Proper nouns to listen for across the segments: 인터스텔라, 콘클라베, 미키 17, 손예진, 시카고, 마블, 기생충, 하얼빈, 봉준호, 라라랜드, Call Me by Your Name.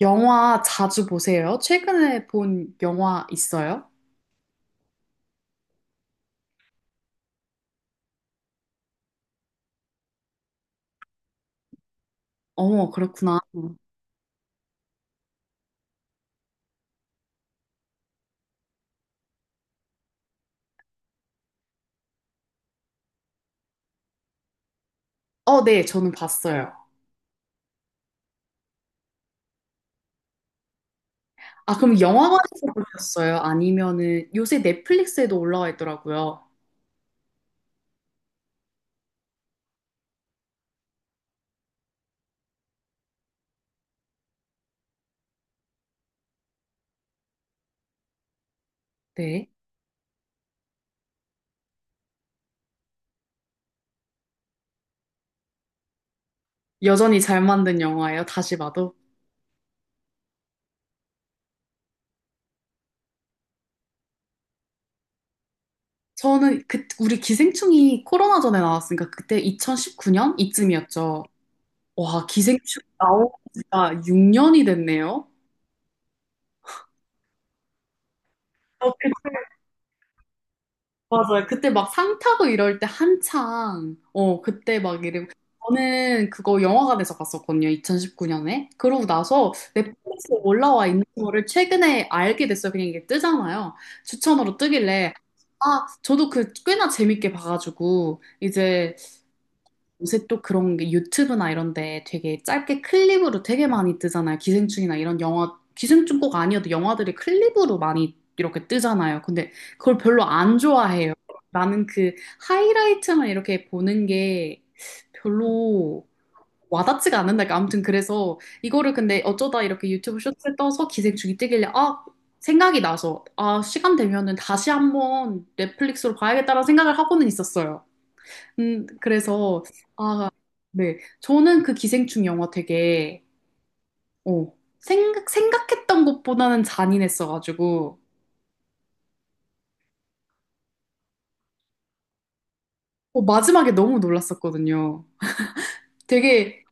영화 자주 보세요? 최근에 본 영화 있어요? 어머, 그렇구나. 네, 저는 봤어요. 아, 그럼 영화관에서 보셨어요? 아니면은 요새 넷플릭스에도 올라와 있더라고요. 네. 여전히 잘 만든 영화예요, 다시 봐도. 저는 그, 우리 기생충이 코로나 전에 나왔으니까 그때 2019년 이쯤이었죠. 와, 기생충 나온 지가 6년이 됐네요. 어, 그 맞아요. 그때 막 상 타고 이럴 때 한창, 그때 막 이러고. 저는 그거 영화관에서 봤었거든요. 2019년에. 그러고 나서 넷플릭스에 올라와 있는 거를 최근에 알게 됐어요. 그냥 이게 뜨잖아요. 추천으로 뜨길래. 아, 저도 그 꽤나 재밌게 봐가지고, 이제 요새 또 그런 게 유튜브나 이런 데 되게 짧게 클립으로 되게 많이 뜨잖아요. 기생충이나 이런 영화, 기생충 꼭 아니어도 영화들이 클립으로 많이 이렇게 뜨잖아요. 근데 그걸 별로 안 좋아해요. 나는 그 하이라이트만 이렇게 보는 게 별로 와닿지가 않는다. 그러니까 아무튼 그래서 이거를 근데 어쩌다 이렇게 유튜브 쇼츠에 떠서 기생충이 뜨길래 아, 생각이 나서 아, 시간 되면은 다시 한번 넷플릭스로 봐야겠다라는 생각을 하고는 있었어요. 그래서 네. 저는 그 기생충 영화 되게, 어, 생각했던 것보다는 잔인했어가지고, 마지막에 너무 놀랐었거든요. 되게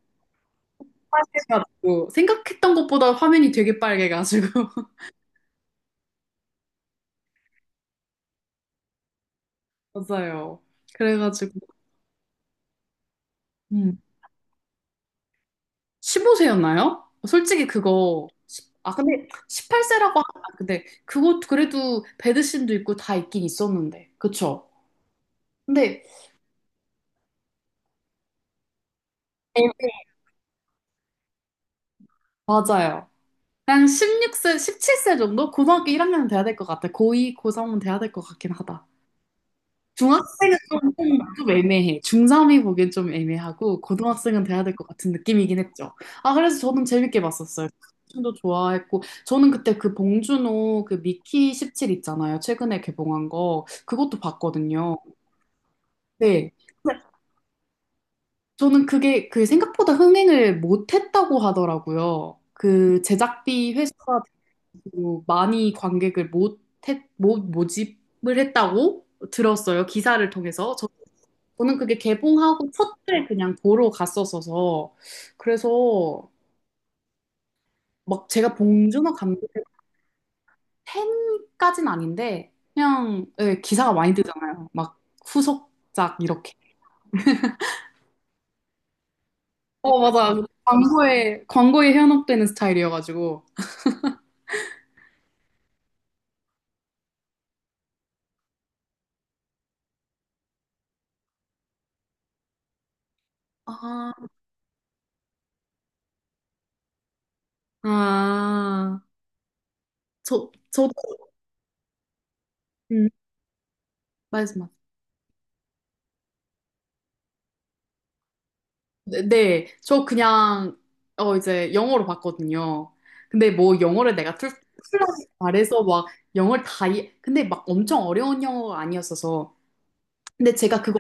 빨개가지고, 생각했던 것보다 화면이 되게 빨개가지고. 맞아요. 그래가지고, 음, 15세였나요? 솔직히 그거, 아, 근데 18세라고, 근데 그거 그래도 배드신도 있고 다 있긴 있었는데. 그쵸? 근데, 네. 맞아요. 한 16세, 17세 정도? 고등학교 1학년 돼야 될 것 같아. 고2, 고3은 돼야 될 것 같긴 하다. 중학생은 좀 애매해. 중3이 보기엔 좀 애매하고, 고등학생은 돼야 될 것 같은 느낌이긴 했죠. 아, 그래서 저는 재밌게 봤었어요. 춤도 좋아했고, 저는 그때 그 봉준호 그 미키 17 있잖아요. 최근에 개봉한 거. 그것도 봤거든요. 네. 근데 저는 그게 그 생각보다 흥행을 못했다고 하더라고요. 그 제작비 회수가 뭐 많이 관객을 못, 했, 못 모집을 했다고 들었어요. 기사를 통해서. 저, 저는 그게 개봉하고 첫날 그냥 보러 갔었어서. 그래서 막 제가 봉준호 감독의 팬까진 아닌데 그냥 예, 기사가 많이 뜨잖아요. 막 후속작 이렇게. 맞아. 광고에 현혹되는 스타일이어가지고. 아, 아, 저, 저도, 음, 말씀하 네, 네. 저 그냥 이제 영어로 봤거든요. 근데 뭐 영어를 내가 툴 툴툴하게 말해서 막 영어를 다 이해, 근데 막 엄청 어려운 영어가 아니었어서. 근데 제가 그거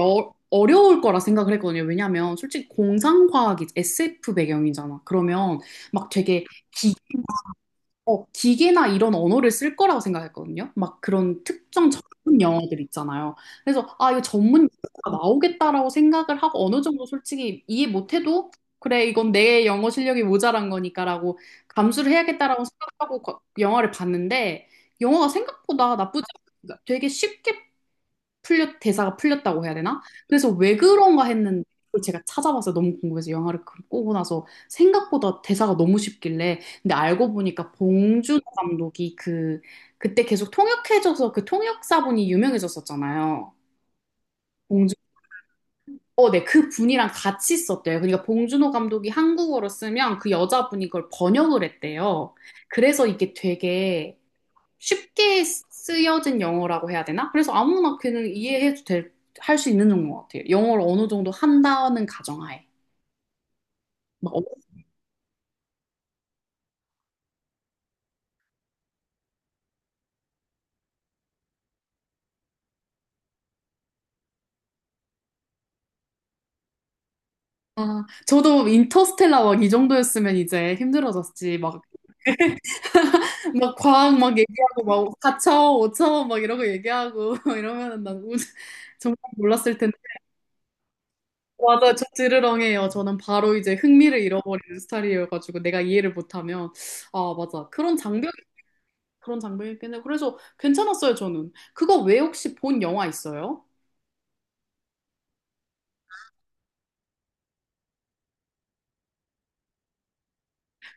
여, 어려울 거라 생각을 했거든요. 왜냐면 솔직히 공상과학이 SF 배경이잖아. 그러면 막 되게 기계나 이런 언어를 쓸 거라고 생각했거든요. 막 그런 특정 전문 영어들 있잖아요. 그래서 아, 이거 전문 영어가 나오겠다라고 생각을 하고 어느 정도 솔직히 이해 못해도 그래, 이건 내 영어 실력이 모자란 거니까라고 감수를 해야겠다라고 생각하고 영화를 봤는데 영화가 생각보다 나쁘지 않아. 되게 쉽게 풀렸 대사가 풀렸다고 해야 되나? 그래서 왜 그런가 했는데 그걸 제가 찾아봤어요. 너무 궁금해서 영화를 보고 나서 생각보다 대사가 너무 쉽길래 근데 알고 보니까 봉준호 감독이 그 그때 계속 통역해줘서 그 통역사분이 유명해졌었잖아요. 봉준 네, 그 분이랑 같이 썼대요. 그러니까 봉준호 감독이 한국어로 쓰면 그 여자분이 그걸 번역을 했대요. 그래서 이게 되게 쉽게 쓰여진 영어라고 해야 되나? 그래서 아무나 그냥 이해해도 될, 할 수 있는 정도 같아요. 영어를 어느 정도 한다는 가정하에. 막, 어- 아, 저도 인터스텔라 막 이 정도였으면 이제 힘들어졌지. 막, 막 과학 막 얘기하고, 막 4차원, 5차원 막 이러고 얘기하고 이러면은 난 우, 정말 몰랐을 텐데. 맞아, 저 드르렁해요. 저는 바로 이제 흥미를 잃어버리는 스타일이어가지고 내가 이해를 못하면. 아, 맞아. 그런 장벽 그런 장면이긴해요 그래서 괜찮았어요, 저는. 그거 외에 혹시 본 영화 있어요?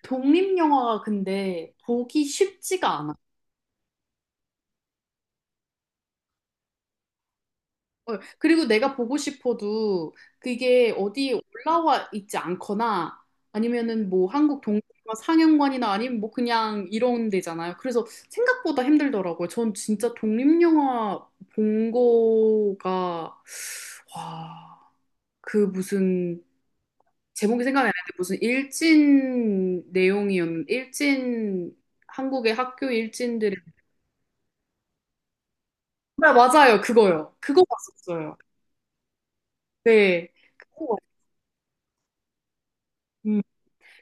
독립영화가 근데 보기 쉽지가 않아. 어, 그리고 내가 보고 싶어도 그게 어디 올라와 있지 않거나 아니면은 뭐 한국 독립영화 상영관이나 아니면 뭐 그냥 이런 데잖아요. 그래서 생각보다 힘들더라고요. 전 진짜 독립영화 본 거가, 와, 그 무슨 제목이 생각이 안 나는데 무슨 일진 내용이었는 일진 한국의 학교 일진들의 아, 맞아요 그거요 그거 봤었어요 네 그거 봤- 음,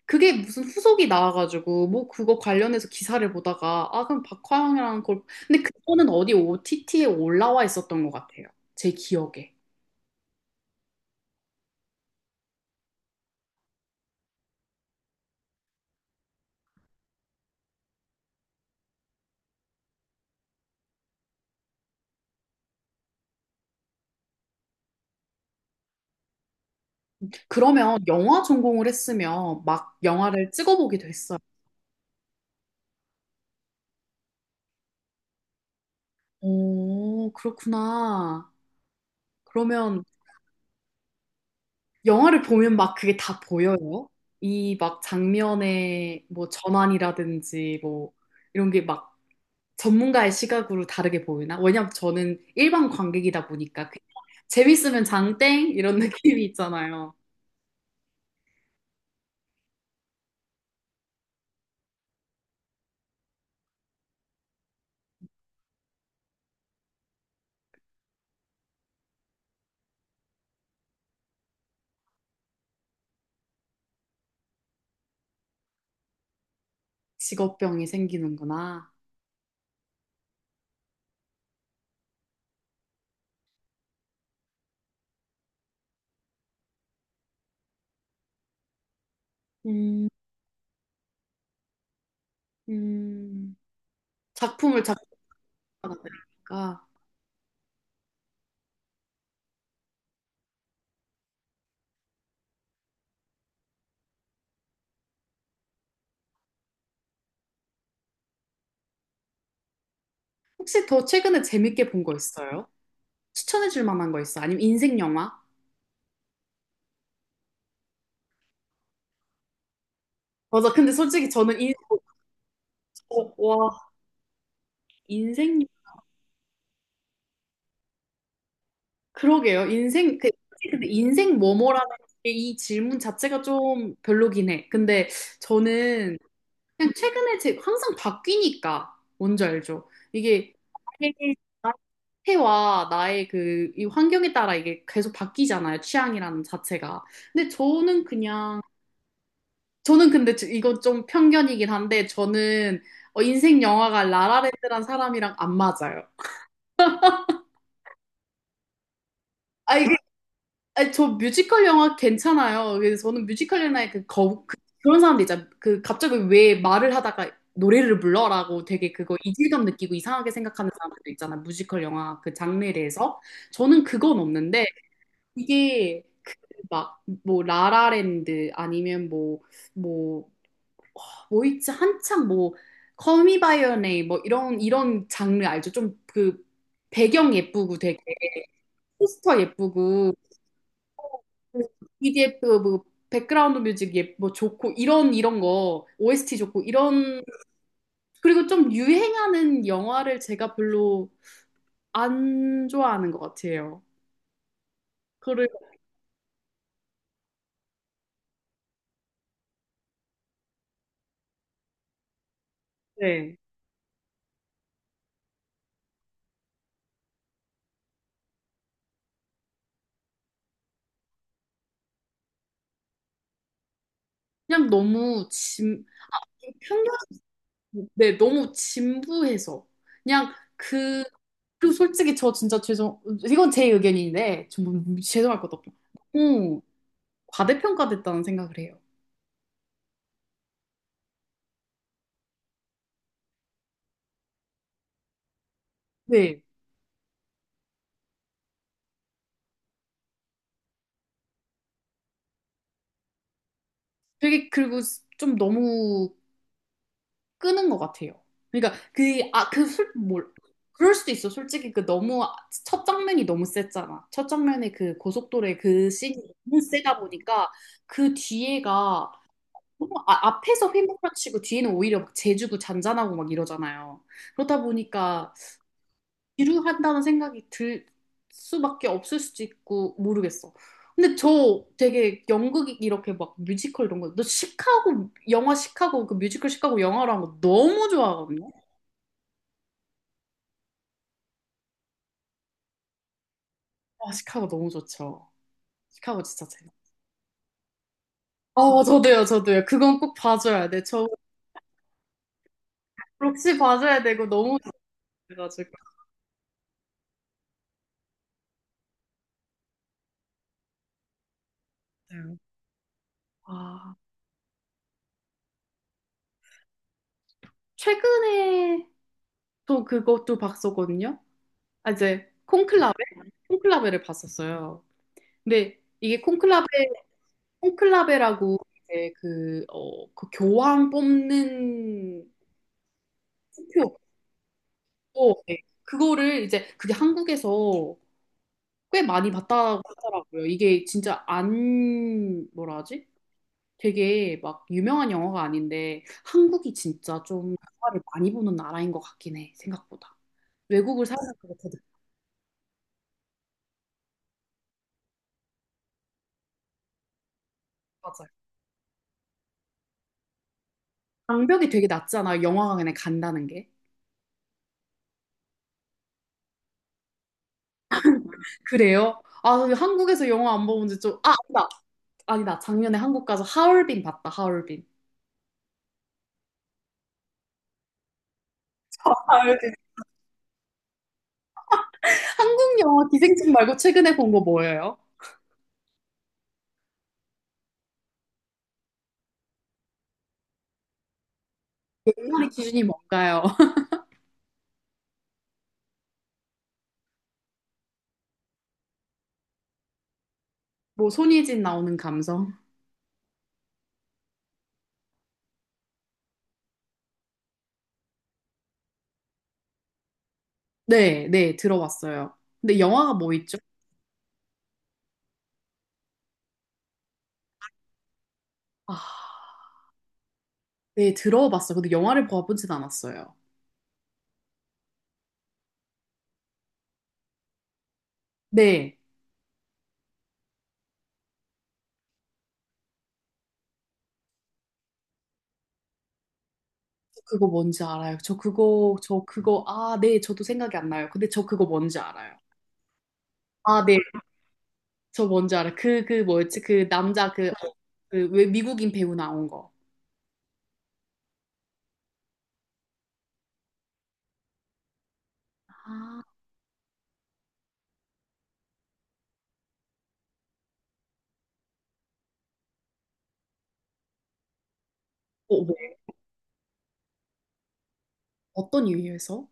그게 무슨 후속이 나와가지고 뭐 그거 관련해서 기사를 보다가 아 그럼 박화영이라는 걸 근데 그거는 어디 OTT에 올라와 있었던 것 같아요 제 기억에 그러면 영화 전공을 했으면 막 영화를 찍어보기도 했어요 오 그렇구나 그러면 영화를 보면 막 그게 다 보여요. 이 막 장면의 뭐 전환이라든지 뭐 이런 게 막 전문가의 시각으로 다르게 보이나? 왜냐면 저는 일반 관객이다 보니까 그냥 재밌으면 장땡 이런 느낌이 있잖아요. 직업병이 생기는구나. 음, 음, 작품을 작품하다 보니까 혹시 더 최근에 재밌게 본 거 있어요? 추천해 줄 만한 거 있어? 아니면 인생 영화? 맞아. 근데 솔직히 저는 인, 어, 와, 인생 그러게요. 인생, 그, 근데 인생 뭐뭐라는 게이 질문 자체가 좀 별로긴 해. 근데 저는 그냥 최근에 제, 항상 바뀌니까, 뭔지 알죠? 이게 나의 상태와 나의 그, 이 환경에 따라 이게 계속 바뀌잖아요. 취향이라는 자체가. 근데 저는 그냥, 저는 근데 이건 좀 편견이긴 한데, 저는 인생 영화가 라라랜드란 사람이랑 안 맞아요. 아, 아니, 저 뮤지컬 영화 괜찮아요. 그래서 저는 뮤지컬 영화에 그런 사람들 있잖아. 그 갑자기 왜 말을 하다가 노래를 불러라고 되게 그거 이질감 느끼고 이상하게 생각하는 사람들도 있잖아. 뮤지컬 영화 그 장르에 대해서. 저는 그건 없는데 이게 막 뭐 라라랜드 아니면 뭐뭐뭐 있지 한창 뭐 Call Me by Your Name 뭐 이런 이런 장르 알죠? 좀 그 배경 예쁘고 되게 포스터 예쁘고 EDF 뭐 백그라운드 뮤직 뭐 좋고 이런 이런 거 OST 좋고 이런 그리고 좀 유행하는 영화를 제가 별로 안 좋아하는 것 같아요. 그리고 네. 그냥 너무 진 평균 네 너무 진부해서 그냥 그 그리고 솔직히 저 진짜 죄송 이건 제 의견인데 좀 죄송할 것도 없고 너무 과대평가됐다는 생각을 해요. 네. 되게 그리고 좀 너무 끄는 것 같아요. 그러니까 그, 아, 그 술, 뭘, 그럴 수도 있어. 솔직히 그 너무, 첫 장면이 너무 셌잖아. 첫 장면에 그 고속도로의 그 씬이 너무 세다 보니까 그 뒤에가 앞에서 휘몰아치고 뒤에는 오히려 막 재주고 잔잔하고 막 이러잖아요. 그러다 보니까 지루한다는 생각이 들 수밖에 없을 수도 있고 모르겠어. 근데 저 되게 연극 이렇게 막 뮤지컬 이런 거, 너 시카고 영화 시카고 그 뮤지컬 시카고 영화로 한거 너무 좋아하거든요. 아, 시카고 너무 좋죠. 시카고 진짜 재밌어요. 아, 저도요. 그건 꼭 봐줘야 돼. 저 록시 봐줘야 되고 너무 좋아가지고. 아, 최근에 또 그것도 봤었거든요. 아, 이제 콘클라베? 콘클라베를 봤었어요. 근데 이게 콘클라베, 콘클라베라고 이제 그 교황 뽑는 투표, 어, 네. 그거를 이제 그게 한국에서 꽤 많이 봤다고 하더라고요. 이게 진짜 안, 뭐라 하지? 되게 막 유명한 영화가 아닌데 한국이 진짜 좀 영화를 많이 보는 나라인 것 같긴 해, 생각보다. 외국을 살면서 더 느- 맞아요. 장벽이 되게 낮잖아, 영화관에 간다는 게. 그래요? 아, 한국에서 영화 안 보면 이제 좀, 아, 아니다. 아니다. 작년에 한국 가서 하얼빈 봤다, 하얼빈. 울빈 한국 영화 기생충 말고 최근에 본 거 뭐예요? 옛날의 기준이 뭔가요? 뭐 손예진 나오는 감성? 네, 네, 들어봤어요. 근데 영화가 뭐 있죠? 아. 네, 들어봤어요. 근데 영화를 봐보진 않았어요. 네. 저 그거 뭔지 알아요. 아, 네, 저도 생각이 안 나요. 근데 저 그거 뭔지 알아요. 아, 네, 저 뭔지 알아요. 그 뭐였지? 그 남자 그, 그, 왜 미국인 배우 나온 거. 아, 어, 뭐, 어떤 이유에서?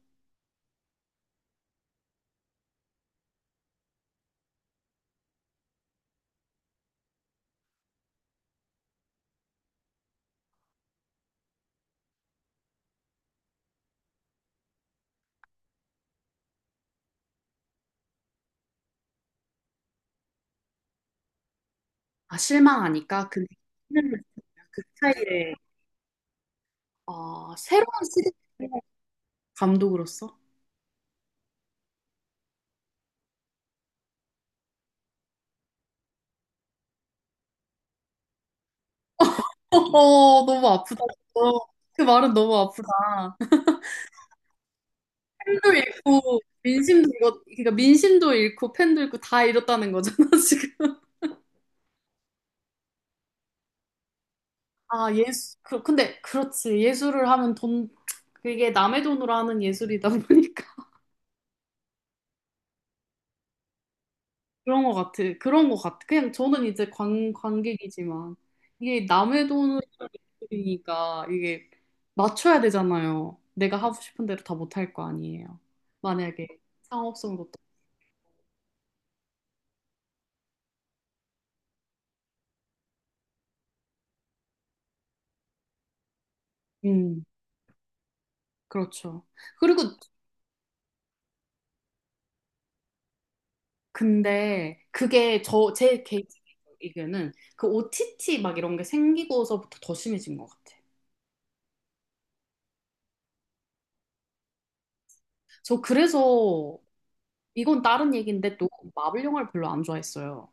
아, 실망하니까? 그, 그 스타일의, 아, 새로운 시대 감독으로서? 어, 너무 아프다. 어, 그 말은 너무 아프다. 팬도 잃고 민심도 잃고 그러니까 민심도 잃고 팬도 잃고 다 잃었다는 거잖아 지금. 아 예술 그 근데 그렇지 예술을 하면 돈 그게 남의 돈으로 하는 예술이다 보니까 그런 것 같아 그냥 저는 이제 관 관객이지만 이게 남의 돈이니까 이게 맞춰야 되잖아요. 내가 하고 싶은 대로 다 못할 거 아니에요. 만약에 상업성도 음 그렇죠. 그리고 근데 그게 저, 제 개인적인 의견은 그 OTT 막 이런 게 생기고서부터 더 심해진 것 같아. 저 그래서 이건 다른 얘기인데 또 마블 영화를 별로 안 좋아했어요.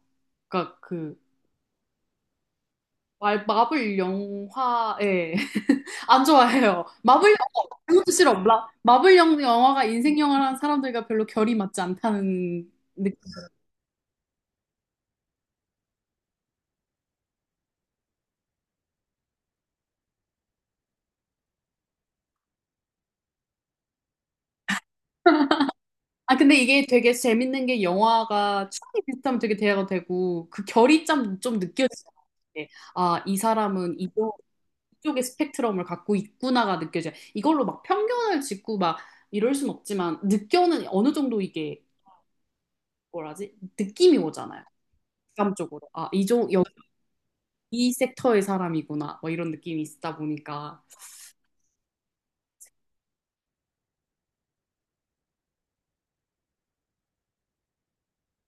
그러니까 그 마블 영화에 안 좋아해요. 마블 영화 그것도 싫어. 영화가 인생 영화라는 사람들과 별로 결이 맞지 않다는 아, 근데 이게 되게 재밌는 게 영화가 취이 비슷하면 되게 대화가 되고, 그 결이 좀 느껴지요 게, 아, 이 사람은 이쪽, 이쪽의 스펙트럼을 갖고 있구나가 느껴져요. 이걸로 막 편견을 짓고 막 이럴 순 없지만, 느껴는 어느 정도 이게, 뭐라지? 느낌이 오잖아요. 감적으로. 아, 이쪽 여, 이 섹터의 사람이구나. 뭐 이런 느낌이 있다 보니까.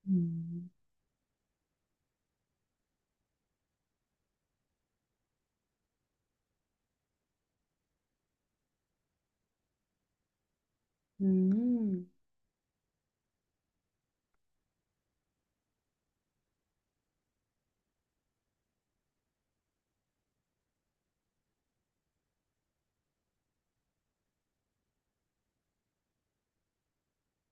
음. 음.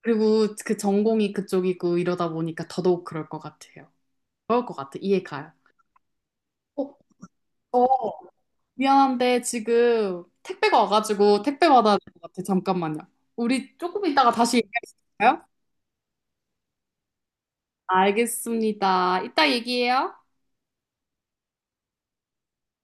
그리고 그 전공이 그쪽이고 이러다 보니까 더더욱 그럴 것 같아요. 그럴 것 같아. 이해 가요. 어, 미안한데 지금 택배가 와가지고 택배 받아야 될 것 같아. 잠깐만요. 우리 조금 이따가 다시 얘기할 수 있어요? 알겠습니다. 이따 얘기해요.